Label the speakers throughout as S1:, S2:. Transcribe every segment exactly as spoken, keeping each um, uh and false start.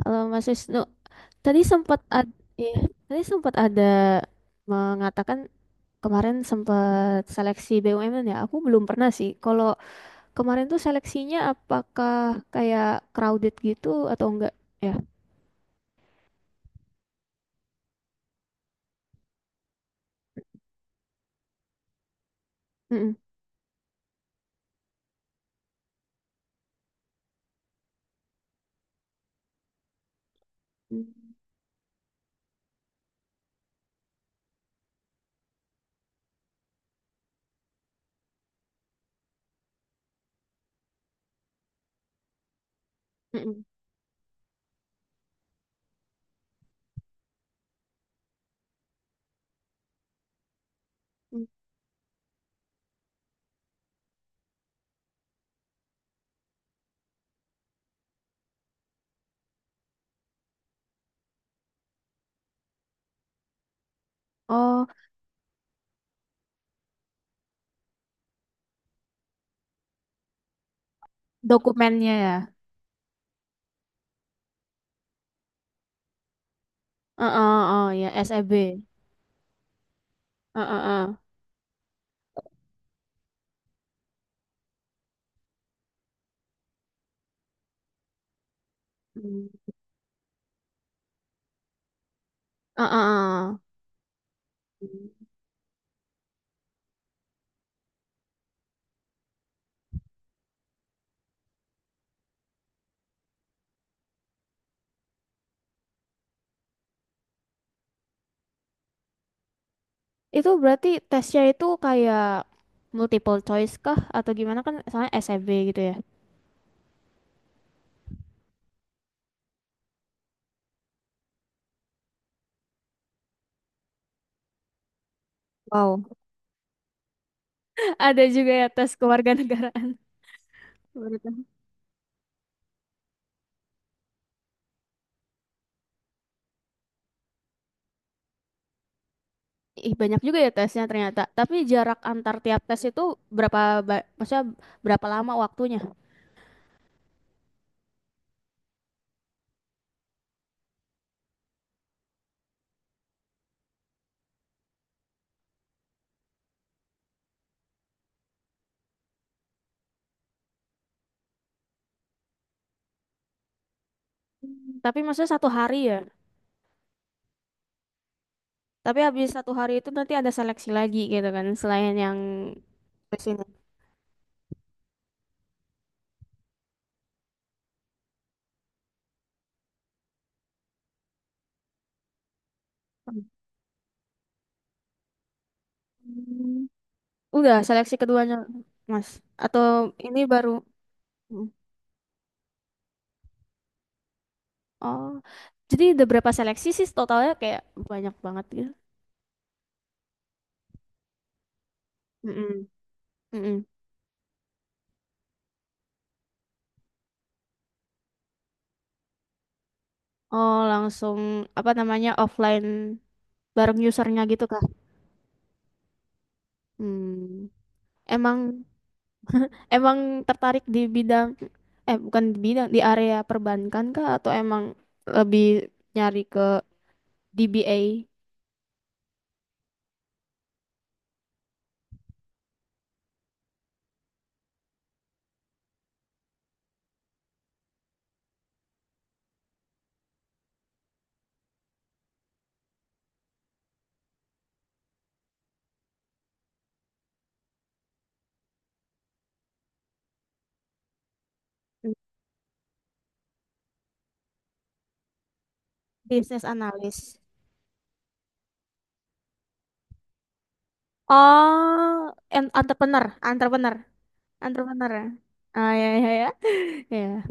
S1: Kalau Mas Wisnu, tadi sempat ada, tadi sempat ada mengatakan kemarin sempat seleksi B U M N ya. Aku belum pernah sih. Kalau kemarin tuh seleksinya apakah kayak crowded gitu atau enggak ya? Mm-mm. Mm. Mm-mm. Mm. Oh, dokumennya ya. uh, oh uh, ya S E B. Uh, uh, uh. Mm. Uh, uh, uh. Mm. Itu berarti tesnya itu kayak multiple choice kah atau gimana kan? Soalnya S E B gitu ya. Wow. Ada juga ya tes kewarganegaraan. Baru tahu. Ih, banyak juga ya tesnya ternyata. Tapi jarak antar tiap tes itu berapa, ba- maksudnya berapa lama waktunya? Tapi maksudnya satu hari ya. Tapi habis satu hari itu nanti ada seleksi lagi gitu kan, selain yang tes ini. Hmm. Udah seleksi keduanya, Mas. Atau ini baru? Hmm. Oh, jadi udah berapa seleksi sih totalnya, kayak banyak banget gitu. Mm-mm. Mm-mm. Oh, langsung apa namanya offline bareng usernya gitu kah? Hmm. Emang emang tertarik di bidang, eh bukan di bidang, di area perbankan kah, atau emang lebih nyari ke D B A, business analyst? Oh, en- entrepreneur, entrepreneur, entrepreneur. Ya? Ah, ya, ya, ya. Ya.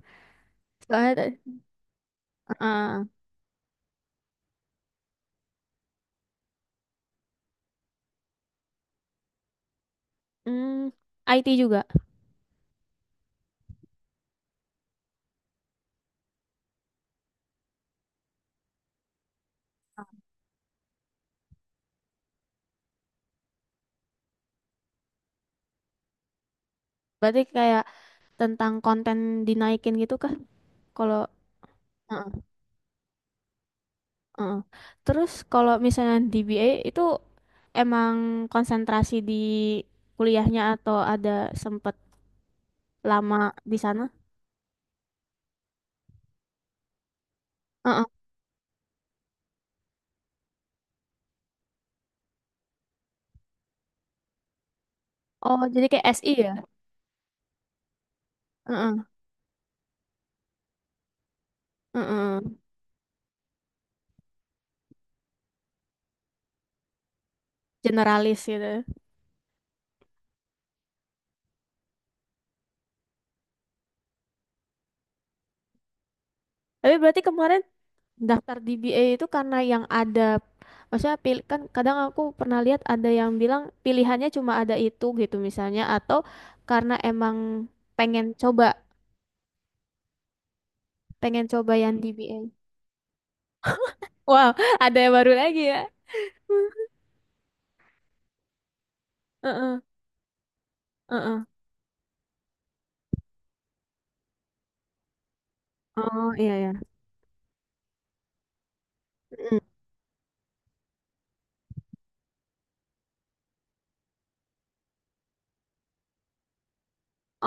S1: Soalnya tadi- ah, hmm, I T juga. Berarti kayak tentang konten dinaikin gitu kah? Kalau. Heeh. Terus kalau misalnya D B A itu, emang konsentrasi di kuliahnya atau ada sempet lama di sana? Heeh. Oh, jadi kayak S I ya? Heeh. Heeh. Generalis gitu. Tapi berarti kemarin daftar D B A itu karena yang ada. Maksudnya pilih kan, kadang aku pernah lihat ada yang bilang pilihannya cuma ada itu gitu misalnya, atau karena emang pengen coba, pengen coba yang D B A. Wow, ada yang baru lagi ya. Heeh. Heeh. Oh iya ya. Mm.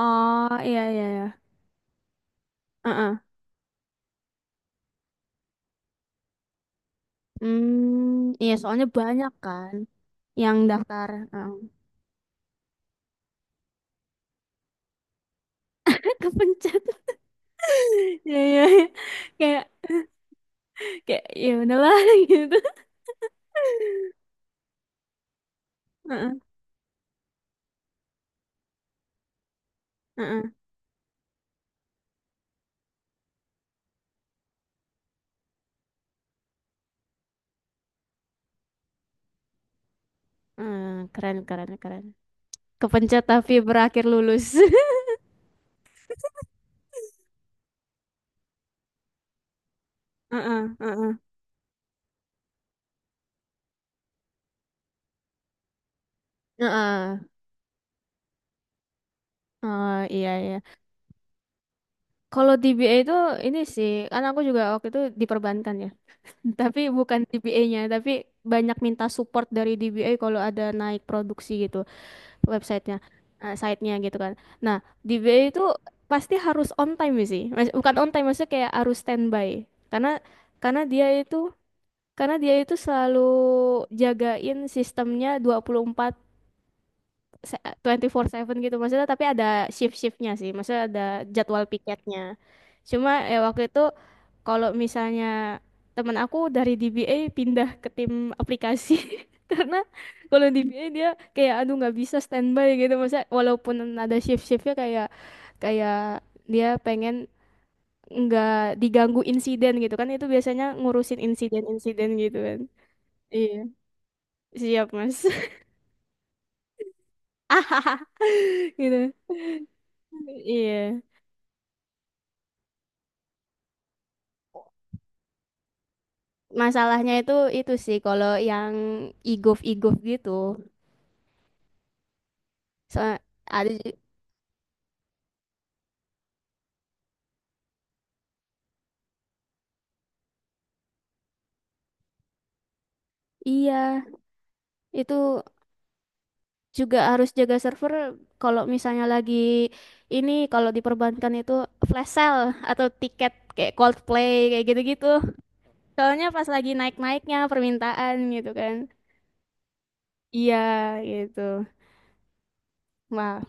S1: Oh iya iya ya. Heeh. Hmm, iya soalnya banyak kan yang daftar. Heeh. Kepencet. Iya, iya, iya. Kayak kayak ya udahlah gitu. Heeh. Heeh. Heeh. Keren, keren, keren. Kepencet tapi berakhir lulus. Heeh. Heeh. Oh iya iya. Kalau D B A itu ini sih, kan aku juga waktu itu diperbankan ya. Tapi bukan D B A-nya, tapi banyak minta support dari D B A kalau ada naik produksi gitu websitenya, eh, site-nya gitu kan. Nah, D B A itu pasti harus on time sih, Mas- bukan on time maksudnya kayak harus standby, karena karena dia itu karena dia itu selalu jagain sistemnya dua puluh empat se- dua puluh empat per tujuh gitu maksudnya, tapi ada shift-shiftnya sih, maksudnya ada jadwal piketnya, cuma ya waktu itu kalau misalnya teman aku dari D B A pindah ke tim aplikasi karena kalau D B A dia kayak, aduh nggak bisa standby gitu maksudnya, walaupun ada shift-shiftnya, kayak kayak dia pengen nggak diganggu insiden gitu kan, itu biasanya ngurusin insiden-insiden gitu kan. Iya, siap, Mas. Gitu, iya. Masalahnya itu itu sih kalau yang e-gov-e-gov gitu. So, ada ju- iya, itu juga harus jaga server kalau misalnya lagi ini, kalau diperbankan itu flash sale atau tiket kayak Coldplay kayak gitu-gitu. Soalnya pas lagi naik-naiknya permintaan gitu kan. Iya, gitu. Wah,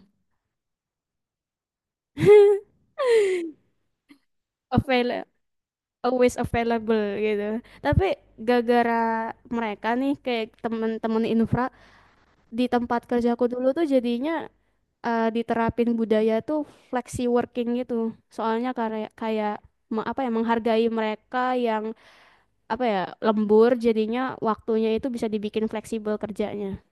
S1: avail always available gitu. Tapi gara-gara mereka nih kayak temen-temen infra di tempat kerjaku dulu tuh, jadinya eh, diterapin budaya tuh flexi working gitu. Soalnya kayak kayak me- apa ya, menghargai mereka yang apa ya, lembur, jadinya waktunya itu bisa dibikin fleksibel kerjanya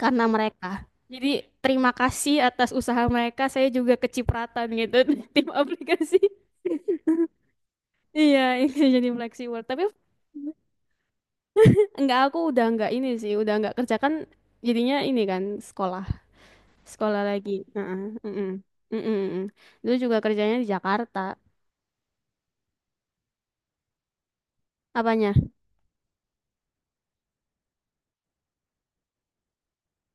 S1: karena mereka. Jadi terima kasih atas usaha mereka. Saya juga kecipratan gitu tim aplikasi. Iya, ini jadi flexi work. Tapi enggak, aku udah enggak ini sih, udah enggak kerja kan, jadinya ini kan sekolah. Sekolah lagi. Heeh, heeh, heeh, heeh. Dulu juga kerjanya di Jakarta. Apanya?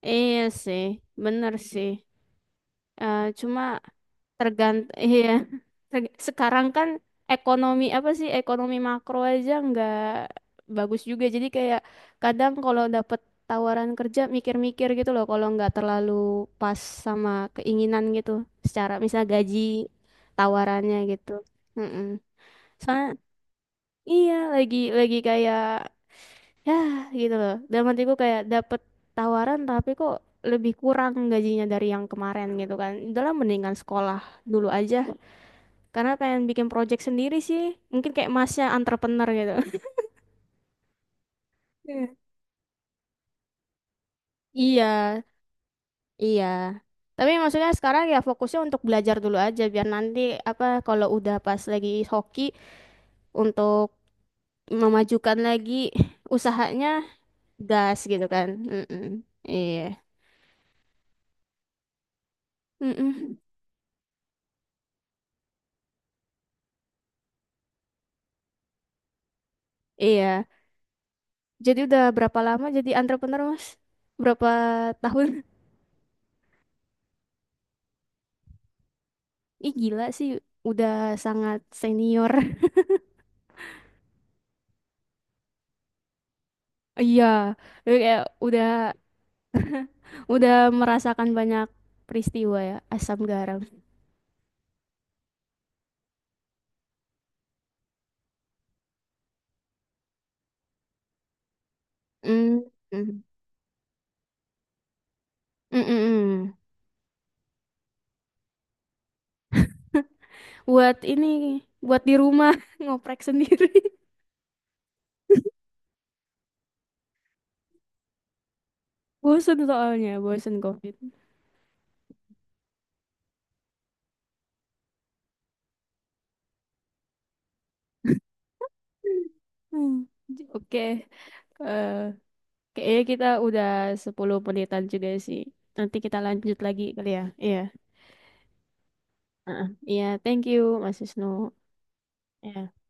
S1: Iya sih, bener sih. Eh cuma tergant, iya. Terg- Sekarang kan, ekonomi apa sih? Ekonomi makro aja nggak bagus juga. Jadi kayak kadang kalau dapet tawaran kerja mikir-mikir gitu loh. Kalau nggak terlalu pas sama keinginan gitu. Secara misal gaji tawarannya gitu. Heeh. Soalnya iya lagi lagi kayak ya gitu loh, dalam hatiku kayak dapet tawaran tapi kok lebih kurang gajinya dari yang kemarin gitu kan, udahlah mendingan sekolah dulu aja, karena pengen bikin project sendiri sih, mungkin kayak masnya, entrepreneur gitu. Hmm. Iya, iya. Tapi maksudnya sekarang ya fokusnya untuk belajar dulu aja, biar nanti apa kalau udah pas lagi hoki untuk memajukan lagi usahanya, gas gitu kan. Mm-mm. Iya. Mm-mm. Iya. Jadi udah berapa lama jadi entrepreneur, Mas? Berapa tahun? Ih, gila sih, udah sangat senior. Iya, jadi kayak udah udah merasakan banyak peristiwa ya, asam garam. Mm, mm, mm, mm, mm. Buat ini, buat di rumah ngoprek sendiri. Bosen soalnya, bosen COVID. Hmm, oke, eh, kayaknya kita udah sepuluh menitan juga sih. Nanti kita lanjut lagi kali ya. Iya. Heeh. Iya, thank you Mas Wisnu. Ya.